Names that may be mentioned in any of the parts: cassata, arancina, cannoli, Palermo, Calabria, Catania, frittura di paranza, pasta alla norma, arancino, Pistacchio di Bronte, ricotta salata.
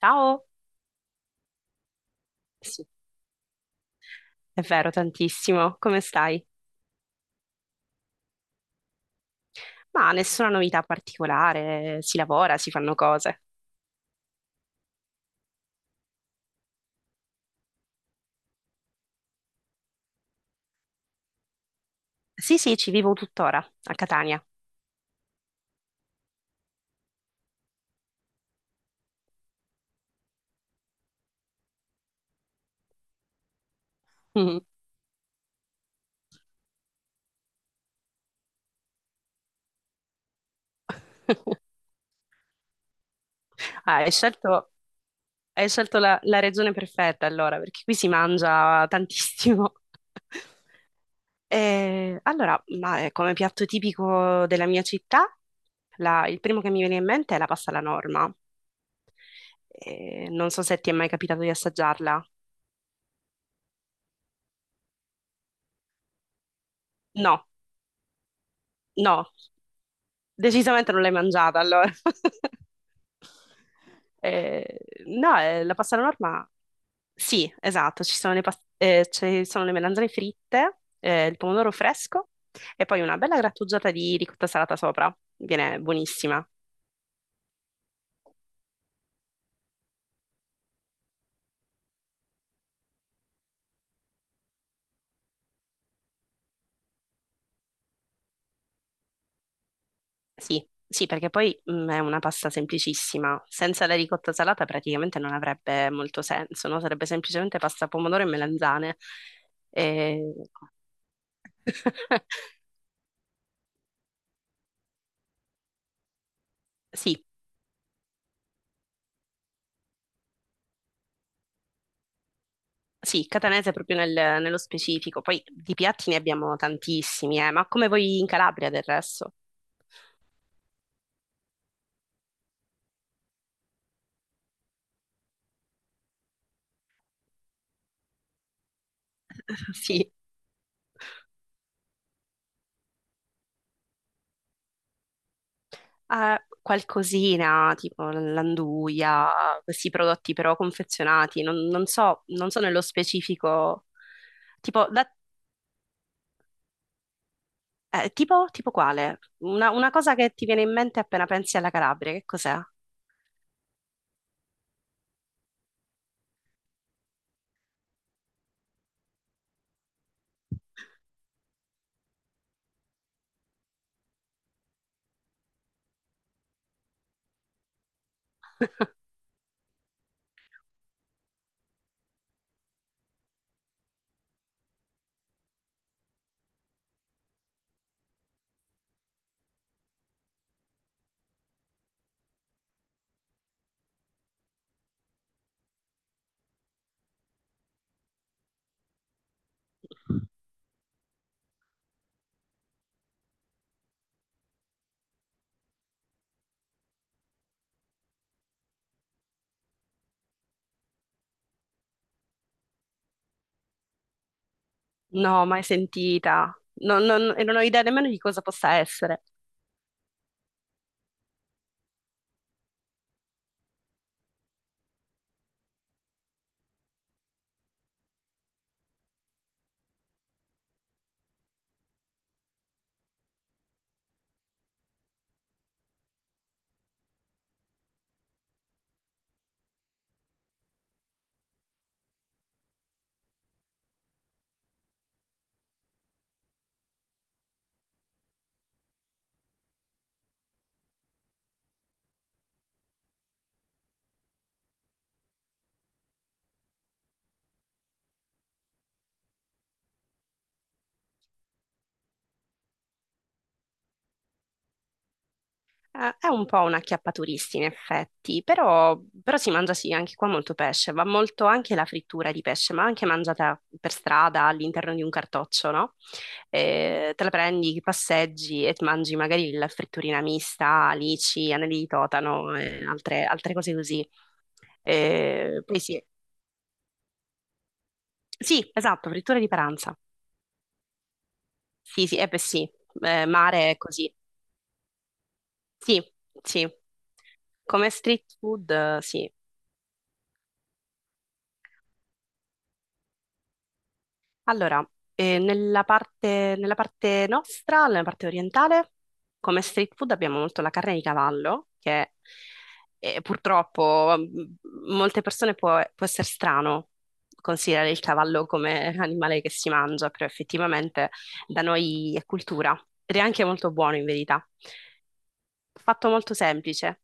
Ciao, sì, è vero, tantissimo. Come stai? Ma nessuna novità particolare, si lavora, si fanno cose. Sì, sì, ci vivo tuttora, a Catania. Mm. Ah, hai scelto la regione perfetta allora, perché qui si mangia tantissimo. Allora, ma, come piatto tipico della mia città, il primo che mi viene in mente è la pasta alla norma. Non so se ti è mai capitato di assaggiarla. No, no. Decisamente non l'hai mangiata allora. Eh, no, la pasta alla norma, sì, esatto, ci sono le melanzane fritte, il pomodoro fresco e poi una bella grattugiata di ricotta salata sopra. Viene buonissima. Sì, sì, perché poi è una pasta semplicissima. Senza la ricotta salata praticamente non avrebbe molto senso, no? Sarebbe semplicemente pasta pomodoro e melanzane. E- Sì, sì, catanese proprio nello specifico, poi di piatti ne abbiamo tantissimi, ma come voi in Calabria del resto? Sì, qualcosina tipo l'anduia, questi prodotti però confezionati, non so nello specifico, tipo, da- tipo quale? Una cosa che ti viene in mente appena pensi alla Calabria, che cos'è? No, mai sentita, e non ho idea nemmeno di cosa possa essere. È un po' una acchiappaturisti in effetti, però si mangia sì, anche qua molto pesce, va molto anche la frittura di pesce, ma anche mangiata per strada all'interno di un cartoccio, no? Te la prendi, passeggi e ti mangi magari la fritturina mista, alici, anelli di totano e altre cose così. Poi sì, sì, esatto, frittura di paranza. Sì, sì, eh beh sì. Mare è così. Sì, sì, come street food, sì. Allora, nella parte nostra, nella parte orientale, come street food abbiamo molto la carne di cavallo, che purtroppo molte persone può essere strano considerare il cavallo come animale che si mangia, però effettivamente da noi è cultura ed è anche molto buono in verità. Fatto molto semplice.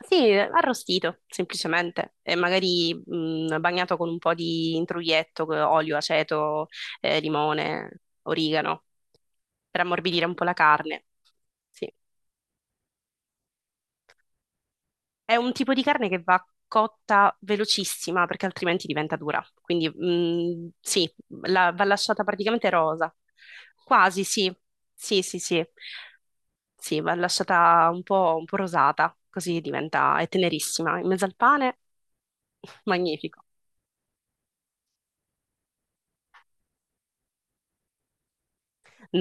Sì, arrostito semplicemente, e magari bagnato con un po' di intruglietto, olio, aceto, limone, origano, per ammorbidire un po' la carne. Sì. È un tipo di carne che va cotta velocissima perché altrimenti diventa dura. Quindi sì, va lasciata praticamente rosa. Quasi, sì. Sì, sì, sì. Sì, va lasciata un po' rosata, così diventa, è tenerissima. In mezzo al pane, magnifico.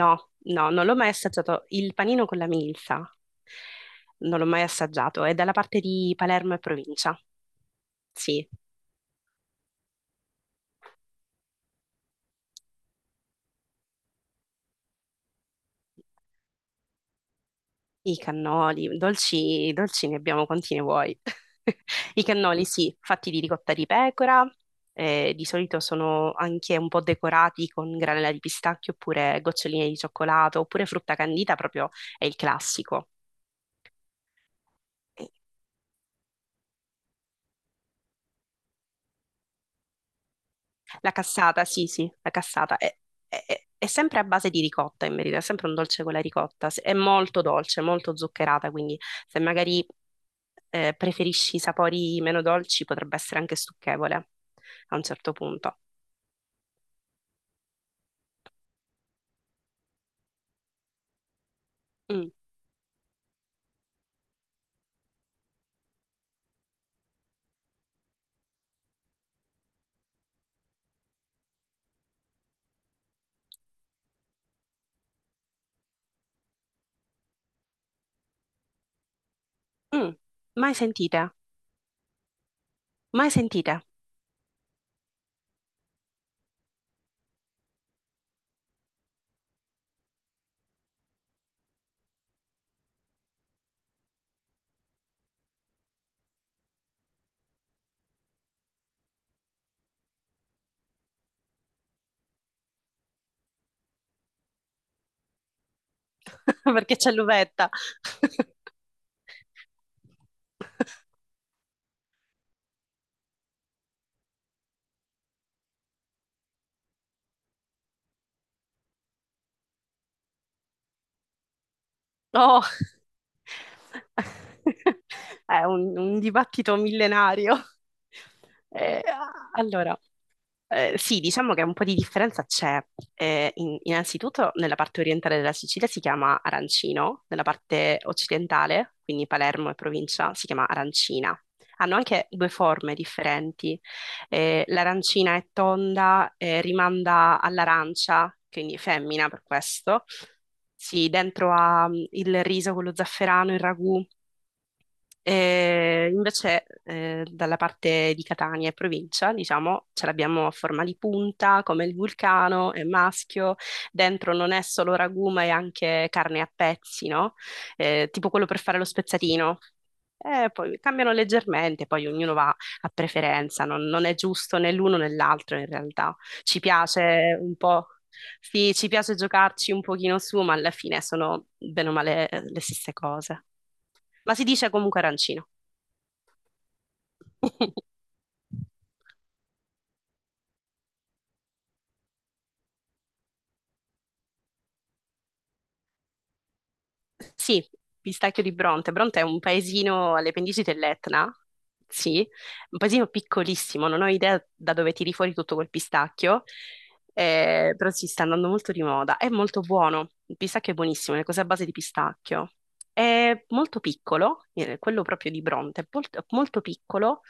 No, no, non l'ho mai assaggiato. Il panino con la milza non l'ho mai assaggiato. È dalla parte di Palermo e provincia. Sì, i cannoli, dolci, dolci ne abbiamo quanti ne vuoi. I cannoli, sì, fatti di ricotta di pecora. Di solito sono anche un po' decorati con granella di pistacchio oppure goccioline di cioccolato oppure frutta candita, proprio è il classico. La cassata, sì, sì, la cassata. È sempre a base di ricotta, in verità, è sempre un dolce con la ricotta. È molto dolce, molto zuccherata, quindi se magari preferisci i sapori meno dolci potrebbe essere anche stucchevole a un certo punto. Mm, mm. Mai sentite? Mai sentite? Perché c'è l'uvetta. Oh! È un dibattito millenario. Ah. Allora, sì, diciamo che un po' di differenza c'è. Innanzitutto nella parte orientale della Sicilia si chiama arancino, nella parte occidentale, quindi Palermo e provincia, si chiama arancina. Hanno anche due forme differenti. L'arancina è tonda, rimanda all'arancia, quindi femmina per questo. Sì, dentro ha il riso, quello zafferano, il ragù, invece, dalla parte di Catania e provincia, diciamo, ce l'abbiamo a forma di punta, come il vulcano, è maschio, dentro non è solo ragù, ma è anche carne a pezzi, no? Tipo quello per fare lo spezzatino. Poi cambiano leggermente, poi ognuno va a preferenza, non è giusto né l'uno né l'altro in realtà. Ci piace un po', sì, ci piace giocarci un pochino su, ma alla fine sono bene o male le stesse cose. Ma si dice comunque arancino. Sì, pistacchio di Bronte. Bronte è un paesino alle pendici dell'Etna, sì, un paesino piccolissimo, non ho idea da dove tiri fuori tutto quel pistacchio, però si sta andando molto di moda. È molto buono, il pistacchio è buonissimo, le cose a base di pistacchio. È molto piccolo, quello proprio di Bronte, è molto, molto piccolo,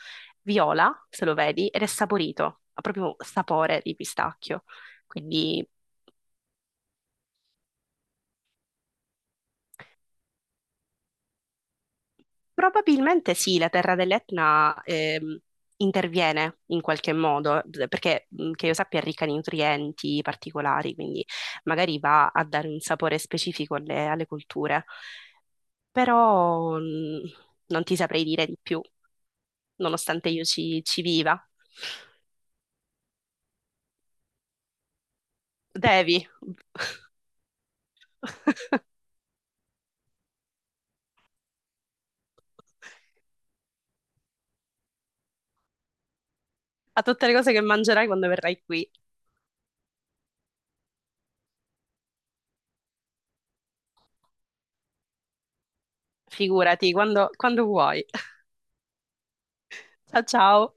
viola, se lo vedi, ed è saporito, ha proprio sapore di pistacchio. Quindi probabilmente sì, la terra dell'Etna interviene in qualche modo, perché che io sappia è ricca di nutrienti particolari, quindi magari va a dare un sapore specifico alle colture, però non ti saprei dire di più, nonostante io ci viva. Devi, a tutte le cose che mangerai quando verrai qui, figurati, quando vuoi. Ciao ciao!